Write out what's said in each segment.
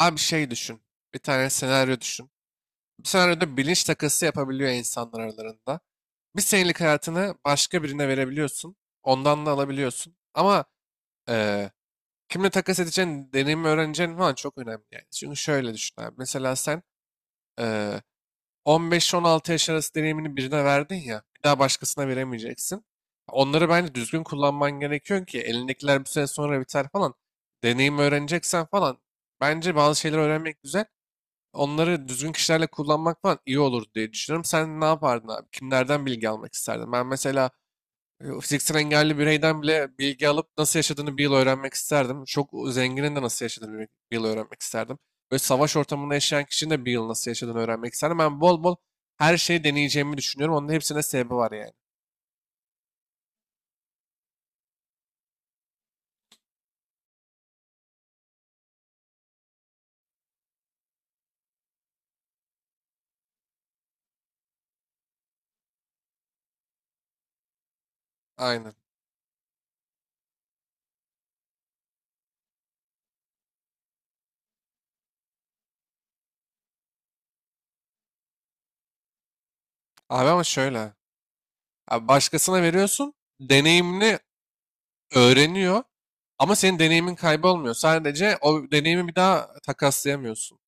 Abi şey düşün. Bir tane senaryo düşün. Bu senaryoda bilinç takası yapabiliyor insanlar aralarında. Bir senelik hayatını başka birine verebiliyorsun. Ondan da alabiliyorsun. Ama eee, kimle takas edeceğin, deneyimi öğreneceğin falan çok önemli yani. Çünkü şöyle düşün abi. Mesela sen eee 15-16 yaş arası deneyimini birine verdin ya. Bir daha başkasına veremeyeceksin. Onları bence düzgün kullanman gerekiyor ki elindekiler bir süre sonra biter falan. Deneyimi öğreneceksen falan. Bence bazı şeyler öğrenmek güzel, onları düzgün kişilerle kullanmak falan iyi olur diye düşünüyorum. Sen ne yapardın abi? Kimlerden bilgi almak isterdin? Ben mesela fiziksel engelli bireyden bile bilgi alıp nasıl yaşadığını bir yıl öğrenmek isterdim. Çok zenginin de nasıl yaşadığını bir yıl öğrenmek isterdim. Böyle savaş ortamında yaşayan kişinin de bir yıl nasıl yaşadığını öğrenmek isterdim. Ben bol bol her şeyi deneyeceğimi düşünüyorum. Onun hepsine sebebi var yani. Aynen. Abi ama şöyle. Abi başkasına veriyorsun. Deneyimini öğreniyor. Ama senin deneyimin kaybolmuyor. Sadece o deneyimi bir daha takaslayamıyorsun.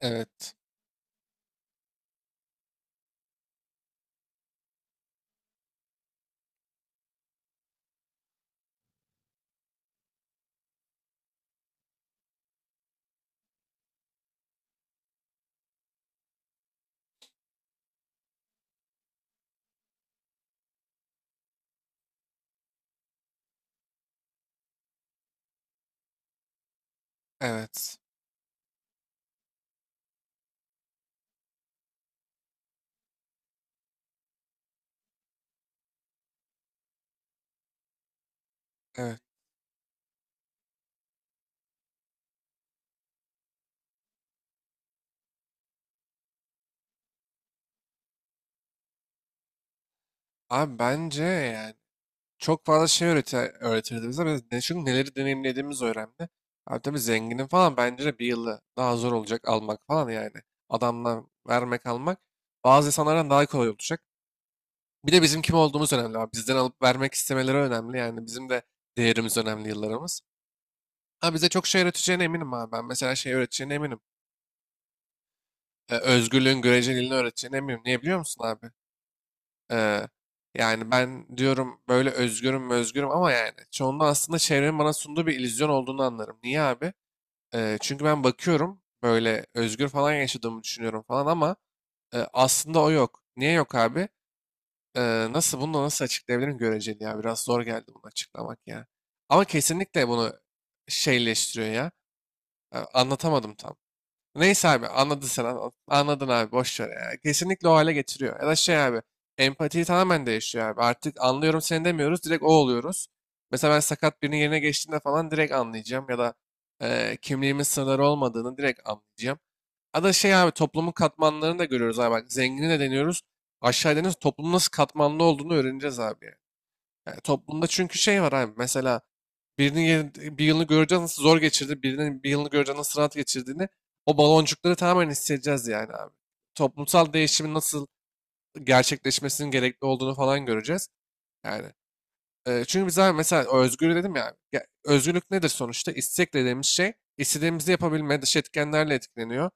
Evet, evet, evet. Abi bence yani çok fazla şey öğretir, öğretirdi bize. Biz ne, çünkü neleri deneyimlediğimiz önemli. Abi tabii zenginin falan bence de bir yılı daha zor olacak almak falan yani. Adamdan vermek almak bazı insanlardan daha kolay olacak. Bir de bizim kim olduğumuz önemli abi. Bizden alıp vermek istemeleri önemli. Yani bizim de değerimiz önemli, yıllarımız. Ha, bize çok şey öğreteceğine eminim abi. Ben mesela şey öğreteceğine eminim. Özgürlüğün göreceliliğini öğreteceğine eminim. Niye biliyor musun abi? Ee, Yani ben diyorum böyle özgürüm özgürüm ama yani çoğunda aslında çevrenin bana sunduğu bir illüzyon olduğunu anlarım. Niye abi? Çünkü ben bakıyorum böyle özgür falan yaşadığımı düşünüyorum falan ama aslında o yok. Niye yok abi? Nasıl bunu da nasıl açıklayabilirim, göreceli ya. Biraz zor geldi bunu açıklamak ya. Ama kesinlikle bunu şeyleştiriyor ya. Anlatamadım tam. Neyse abi, anladın sen, anladın abi, boş ver ya. Kesinlikle o hale getiriyor. Ya da şey abi, empatiyi tamamen değişiyor abi. Artık anlıyorum seni demiyoruz, direkt o oluyoruz. Mesela ben sakat birinin yerine geçtiğinde falan direkt anlayacağım ya da kimliğimin sınırları olmadığını direkt anlayacağım. Ya da şey abi, toplumun katmanlarını da görüyoruz abi, bak zengini de deniyoruz. Aşağı deniyoruz, toplumun nasıl katmanlı olduğunu öğreneceğiz abi. Yani toplumda çünkü şey var abi. Mesela birinin bir yılını göreceğiz nasıl zor geçirdi, birinin bir yılını göreceğiz nasıl rahat geçirdiğini, o baloncukları tamamen hissedeceğiz yani abi. Toplumsal değişimin nasıl gerçekleşmesinin gerekli olduğunu falan göreceğiz. Yani çünkü biz abi mesela özgür dedim ya, ya özgürlük nedir sonuçta? İstek dediğimiz şey, istediğimizi yapabilme, dış etkenlerle etkileniyor.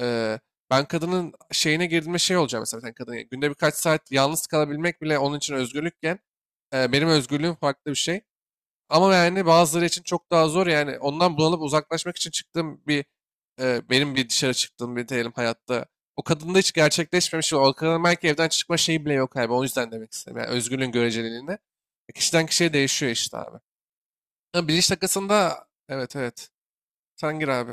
Ee, Ben kadının şeyine girdiğimde şey olacağım mesela, bir tane kadın. Günde birkaç saat yalnız kalabilmek bile onun için özgürlükken benim özgürlüğüm farklı bir şey. Ama yani bazıları için çok daha zor yani, ondan bunalıp uzaklaşmak için çıktığım bir benim bir dışarı çıktığım bir diyelim hayatta. O kadında hiç gerçekleşmemiş. O kadının belki evden çıkma şeyi bile yok abi. O yüzden demek istedim. Yani özgürlüğün göreceliliğinde. Kişiden kişiye değişiyor işte abi. Ha, bilinç takasında evet evet. Sen gir abi.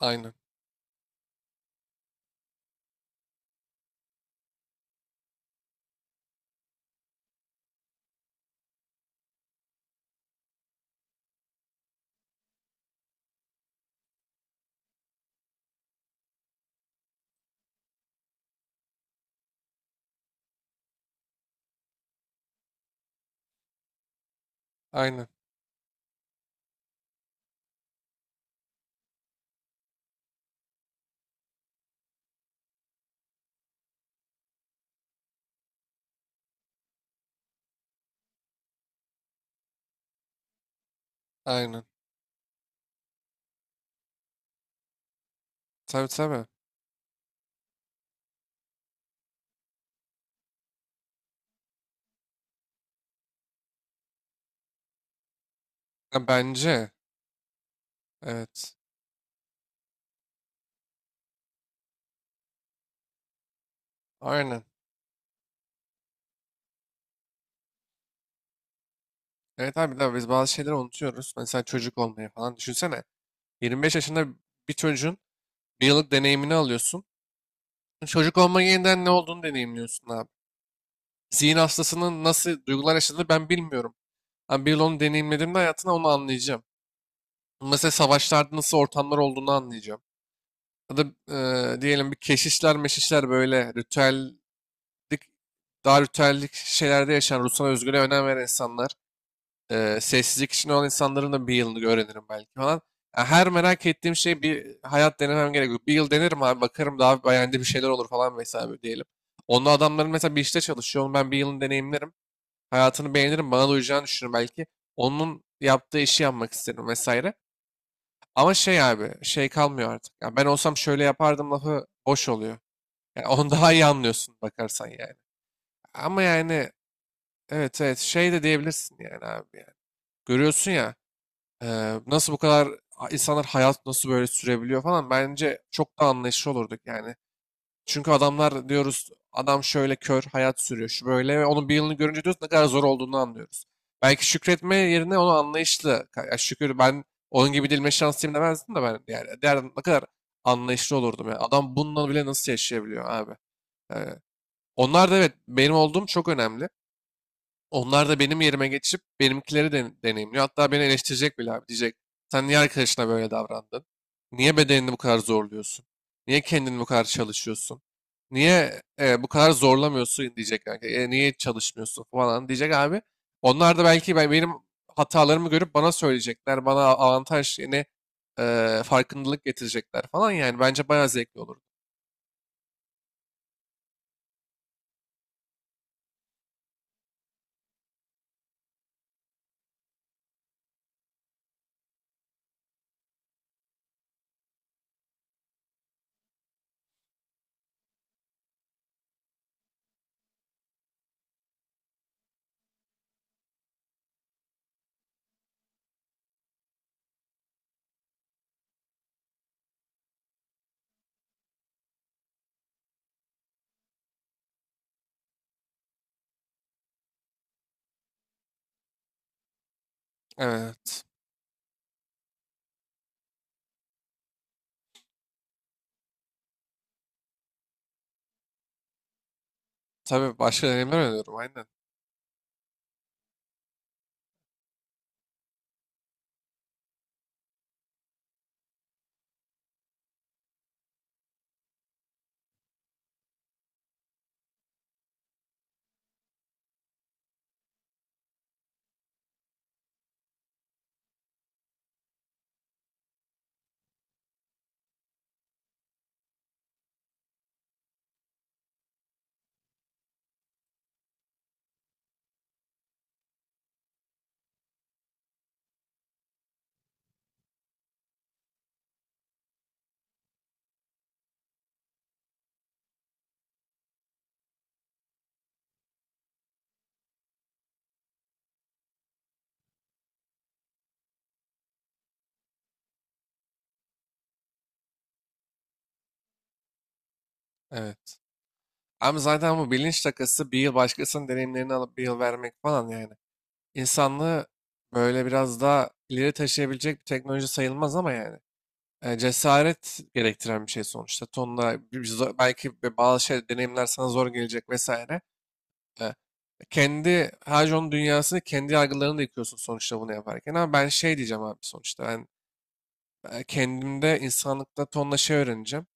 Aynen. Aynen. Aynen. Tabii tabii. Ha, bence. Evet. Aynen. Evet abi, de biz bazı şeyleri unutuyoruz. Mesela çocuk olmayı falan. Düşünsene. 25 yaşında bir çocuğun bir yıllık deneyimini alıyorsun. Çocuk olma yeniden ne olduğunu deneyimliyorsun abi. Zihin hastasının nasıl duygular yaşadığını ben bilmiyorum. Ama bir yıl onu deneyimlediğimde hayatına onu anlayacağım. Mesela savaşlarda nasıl ortamlar olduğunu anlayacağım. Ya da diyelim bir keşişler meşişler böyle ritüellik, daha ritüellik şeylerde yaşayan, ruhsal özgürlüğe önem veren insanlar. Sessizlik içinde olan insanların da bir yılını öğrenirim belki falan. Ya, her merak ettiğim şey bir hayat denemem gerekiyor. Bir yıl denerim abi, bakarım daha beğendiğim bir şeyler olur falan vesaire diyelim. Onunla adamların mesela bir işte çalışıyor. Onu ben bir yılını deneyimlerim. Hayatını beğenirim. Bana da uyacağını düşünürüm belki. Onun yaptığı işi yapmak isterim vesaire. Ama şey abi, şey kalmıyor artık. Ya ben olsam şöyle yapardım lafı boş oluyor. Yani onu daha iyi anlıyorsun bakarsan yani. Ama yani evet evet şey de diyebilirsin yani abi yani. Görüyorsun ya. Nasıl bu kadar, insanlar hayat nasıl böyle sürebiliyor falan, bence çok da anlayışlı olurduk yani. Çünkü adamlar diyoruz, adam şöyle kör hayat sürüyor, şu böyle, ve onun bir yılını görünce diyoruz ne kadar zor olduğunu anlıyoruz. Belki şükretme yerine onu anlayışlı ya, şükür ben onun gibi dilime şanslıyım demezdim de ben, yani derdim ne kadar anlayışlı olurdum ya. Adam bununla bile nasıl yaşayabiliyor abi. Eee, Onlar da evet, benim olduğum çok önemli. Onlar da benim yerime geçip benimkileri de deneyimliyor. Hatta beni eleştirecek bile abi. Diyecek, sen niye arkadaşına böyle davrandın? Niye bedenini bu kadar zorluyorsun? Niye kendini bu kadar çalışıyorsun? Niye bu kadar zorlamıyorsun diyecek kanka. Niye çalışmıyorsun falan diyecek abi. Onlar da belki benim hatalarımı görüp bana söyleyecekler. Bana avantaj, yine farkındalık getirecekler falan. Yani bence bayağı zevkli olur. Evet. Tabii başka deneyimler öneriyorum aynen. Evet. Ama zaten bu bilinç takası bir yıl başkasının deneyimlerini alıp bir yıl vermek falan yani. İnsanlığı böyle biraz daha ileri taşıyabilecek bir teknoloji sayılmaz ama yani. Cesaret gerektiren bir şey sonuçta. Tonla belki bazı şey deneyimler sana zor gelecek vesaire. E, Kendi Hajon dünyasını, kendi yargılarını da yıkıyorsun sonuçta bunu yaparken. Ama ben şey diyeceğim abi sonuçta. Ben kendimde, insanlıkta tonla şey öğreneceğim.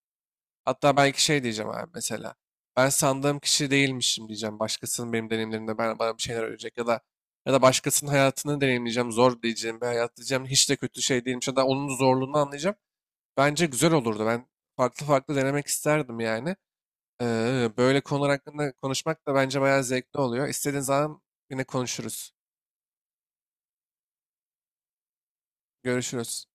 Hatta belki şey diyeceğim abi mesela. Ben sandığım kişi değilmişim diyeceğim. Başkasının benim deneyimlerimde bana bir şeyler öğretecek, ya da başkasının hayatını deneyimleyeceğim. Zor diyeceğim bir hayat diyeceğim. Hiç de kötü şey değilmiş ya da onun zorluğunu anlayacağım. Bence güzel olurdu. Ben farklı farklı denemek isterdim yani. Böyle konular hakkında konuşmak da bence bayağı zevkli oluyor. İstediğin zaman yine konuşuruz. Görüşürüz.